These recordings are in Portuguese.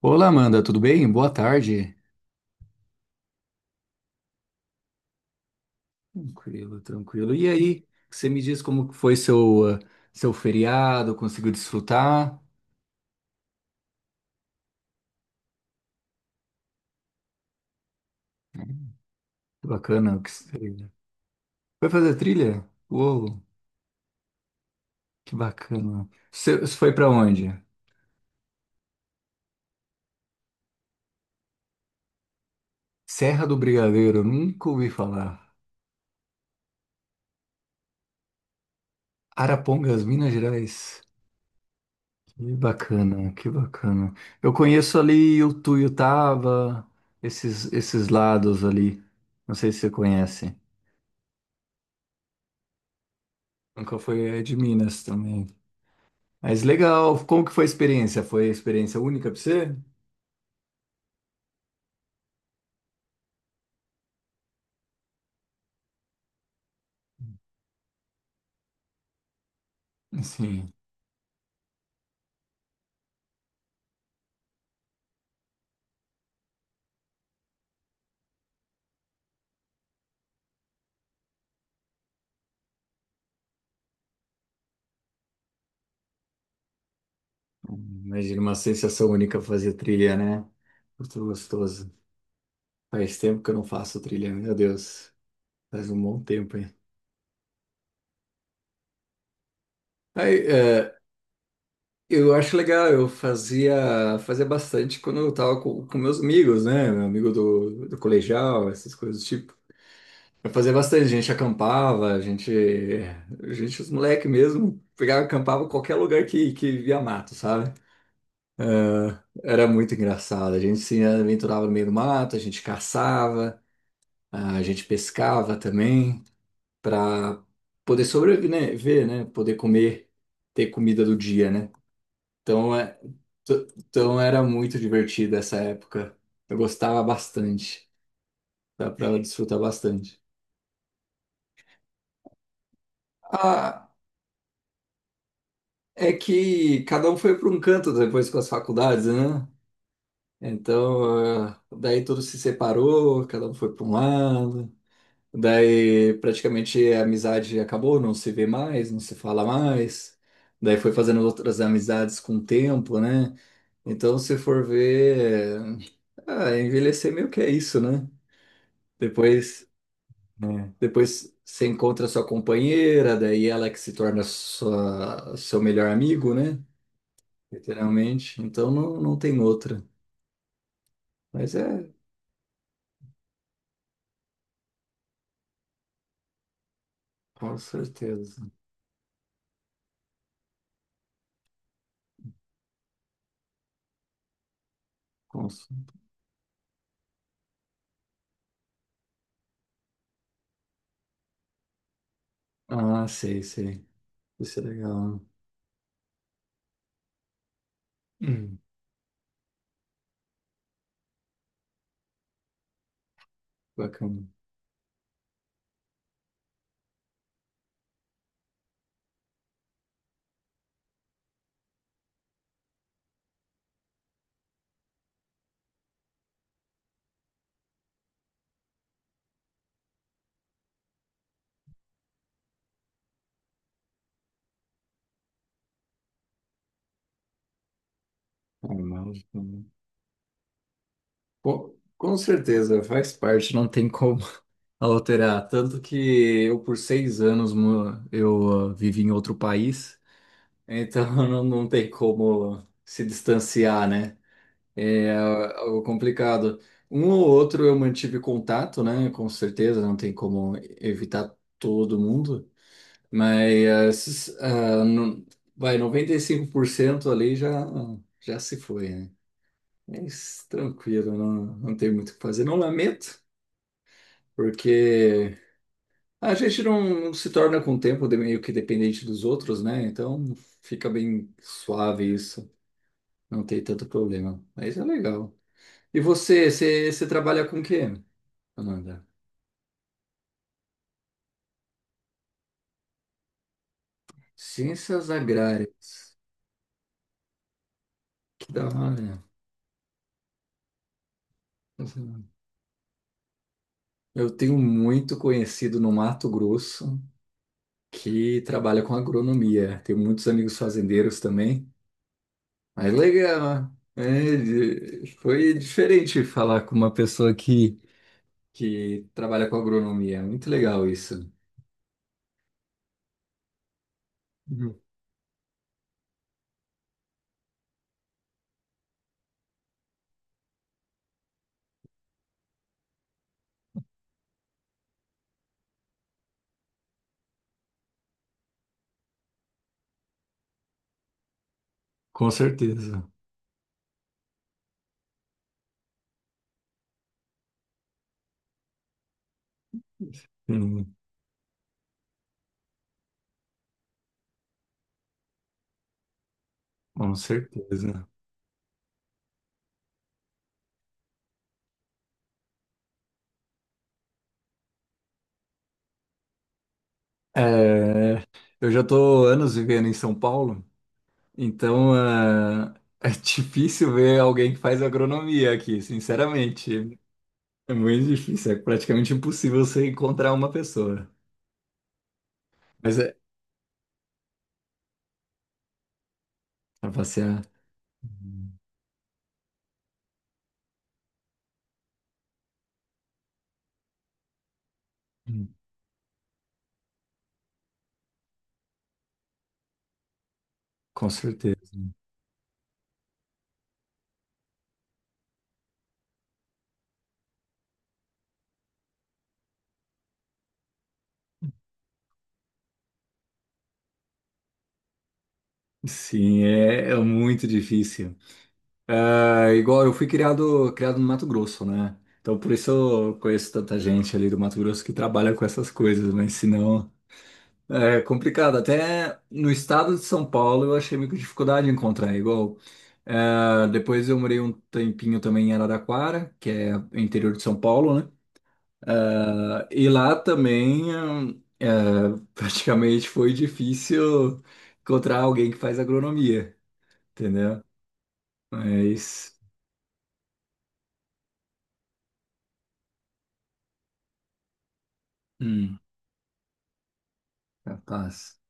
Olá, Amanda, tudo bem? Boa tarde. Tranquilo, tranquilo. E aí, você me diz como que foi seu, seu feriado? Conseguiu desfrutar? Que bacana. O que você- Foi fazer trilha? Uou, que bacana. Você foi para onde? Serra do Brigadeiro, nunca ouvi falar. Arapongas, Minas Gerais. Que bacana, que bacana. Eu conheço ali o Tuiutaba, esses lados ali. Não sei se você conhece. Nunca foi é de Minas também. Mas legal, como que foi a experiência? Foi experiência única para você? Assim, imagina uma sensação única fazer trilha, né? Muito gostoso. Faz tempo que eu não faço trilha, meu Deus. Faz um bom tempo, hein? Aí, é, eu acho legal, eu fazia, fazia bastante quando eu tava com meus amigos, né? Meu amigo do colegial, essas coisas do tipo. Eu fazia bastante, a gente acampava, a gente, os moleque mesmo, pegava, acampava em qualquer lugar que via mato, sabe? Era muito engraçado. A gente se aventurava no meio do mato, a gente caçava, a gente pescava também para poder sobreviver, né? Poder comer, ter comida do dia, né? Então, é, então era muito divertido essa época. Eu gostava bastante. Dá para desfrutar bastante. Ah, é que cada um foi para um canto depois com as faculdades, né? Então, ah, daí tudo se separou, cada um foi para um lado. Daí praticamente a amizade acabou, não se vê mais, não se fala mais. Daí foi fazendo outras amizades com o tempo, né? Então, se for ver, é, ah, envelhecer meio que é isso, né? Depois, depois você encontra sua companheira, daí ela que se torna sua, seu melhor amigo, né? Literalmente. Então não, não tem outra. Mas é, com certeza. Com... cer- Ah, sei, sei. Isso é legal. Hum, bacana. Ah, não, com certeza, faz parte, não tem como alterar. Tanto que eu, por 6 anos, vivi em outro país, então não, não tem como se distanciar, né? É algo complicado. Um ou outro eu mantive contato, né? Com certeza, não tem como evitar todo mundo, mas não, vai, 95% ali já, já se foi, né? Mas tranquilo, não, não tem muito o que fazer. Não lamento. Porque a gente não se torna com o tempo de- meio que dependente dos outros, né? Então fica bem suave isso, não tem tanto problema. Mas é legal. E você trabalha com o quê, Amanda? Ciências agrárias. Que da hora. Eu tenho muito conhecido no Mato Grosso que trabalha com agronomia. Tenho muitos amigos fazendeiros também. Mas legal. Né? É, de- foi diferente falar com uma pessoa que trabalha com agronomia. É muito legal isso. Uhum. Com certeza. Sim, com certeza. É, eu já estou anos vivendo em São Paulo, então é, é difícil ver alguém que faz agronomia aqui, sinceramente. É muito difícil, é praticamente impossível você encontrar uma pessoa. Mas é para passear. Uhum. Com certeza. Sim, é, é muito difícil. É, igual eu fui criado, criado no Mato Grosso, né? Então por isso eu conheço tanta gente ali do Mato Grosso que trabalha com essas coisas, mas senão é complicado. Até no estado de São Paulo eu achei meio que dificuldade de encontrar, igual. É, depois eu morei um tempinho também em Araraquara, que é interior de São Paulo, né? É, e lá também é, praticamente foi difícil encontrar alguém que faz agronomia, entendeu? Mas, hum, capaz.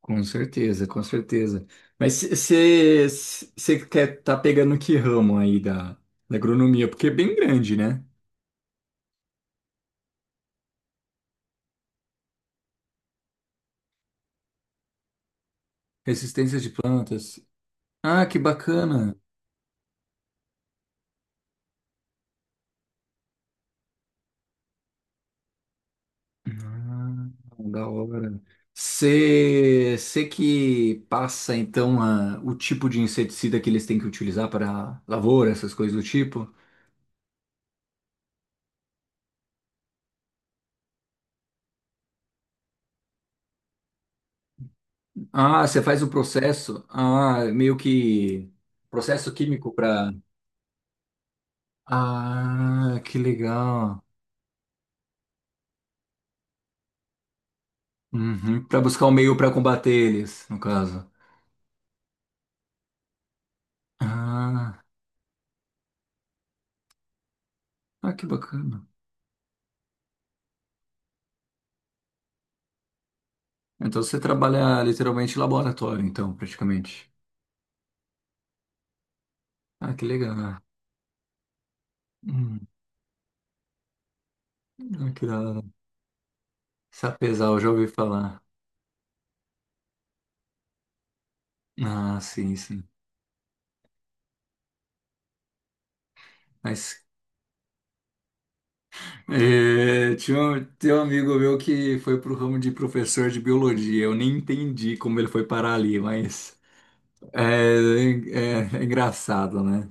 Com certeza, com certeza. Mas você quer estar pegando que ramo aí da, da agronomia? Porque é bem grande, né? Resistência de plantas. Ah, que bacana. Ah, da hora. Você que passa, então, a- o tipo de inseticida que eles têm que utilizar para lavoura, essas coisas do tipo? Ah, você faz o processo. Ah, meio que processo químico para... Ah, que legal. Uhum, para buscar um meio para combater eles, no caso. Ah, ah, que bacana. Então você trabalha literalmente em laboratório, então, praticamente. Ah, que legal. Hum, ah, que da hora. Sapezal, já ouvi falar. Ah, sim, sim. Mas é, tinha, um, tem um amigo meu que foi pro ramo de professor de biologia. Eu nem entendi como ele foi parar ali, mas é, é, é engraçado, né?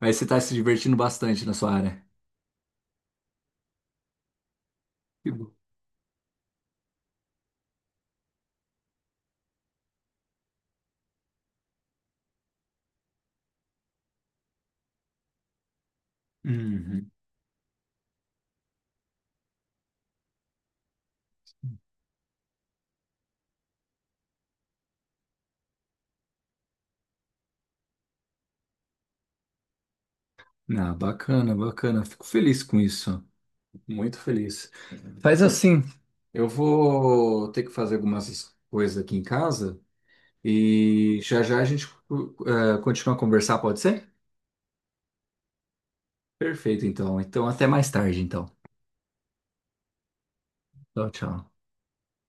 Mas você tá se divertindo bastante na sua área. Que bom. Uhum. Ah, bacana, bacana. Fico feliz com isso. Muito feliz. Faz assim, eu vou ter que fazer algumas coisas aqui em casa e já já a gente continua a conversar, pode ser? Perfeito, então. Então, até mais tarde, então. Tchau, tchau.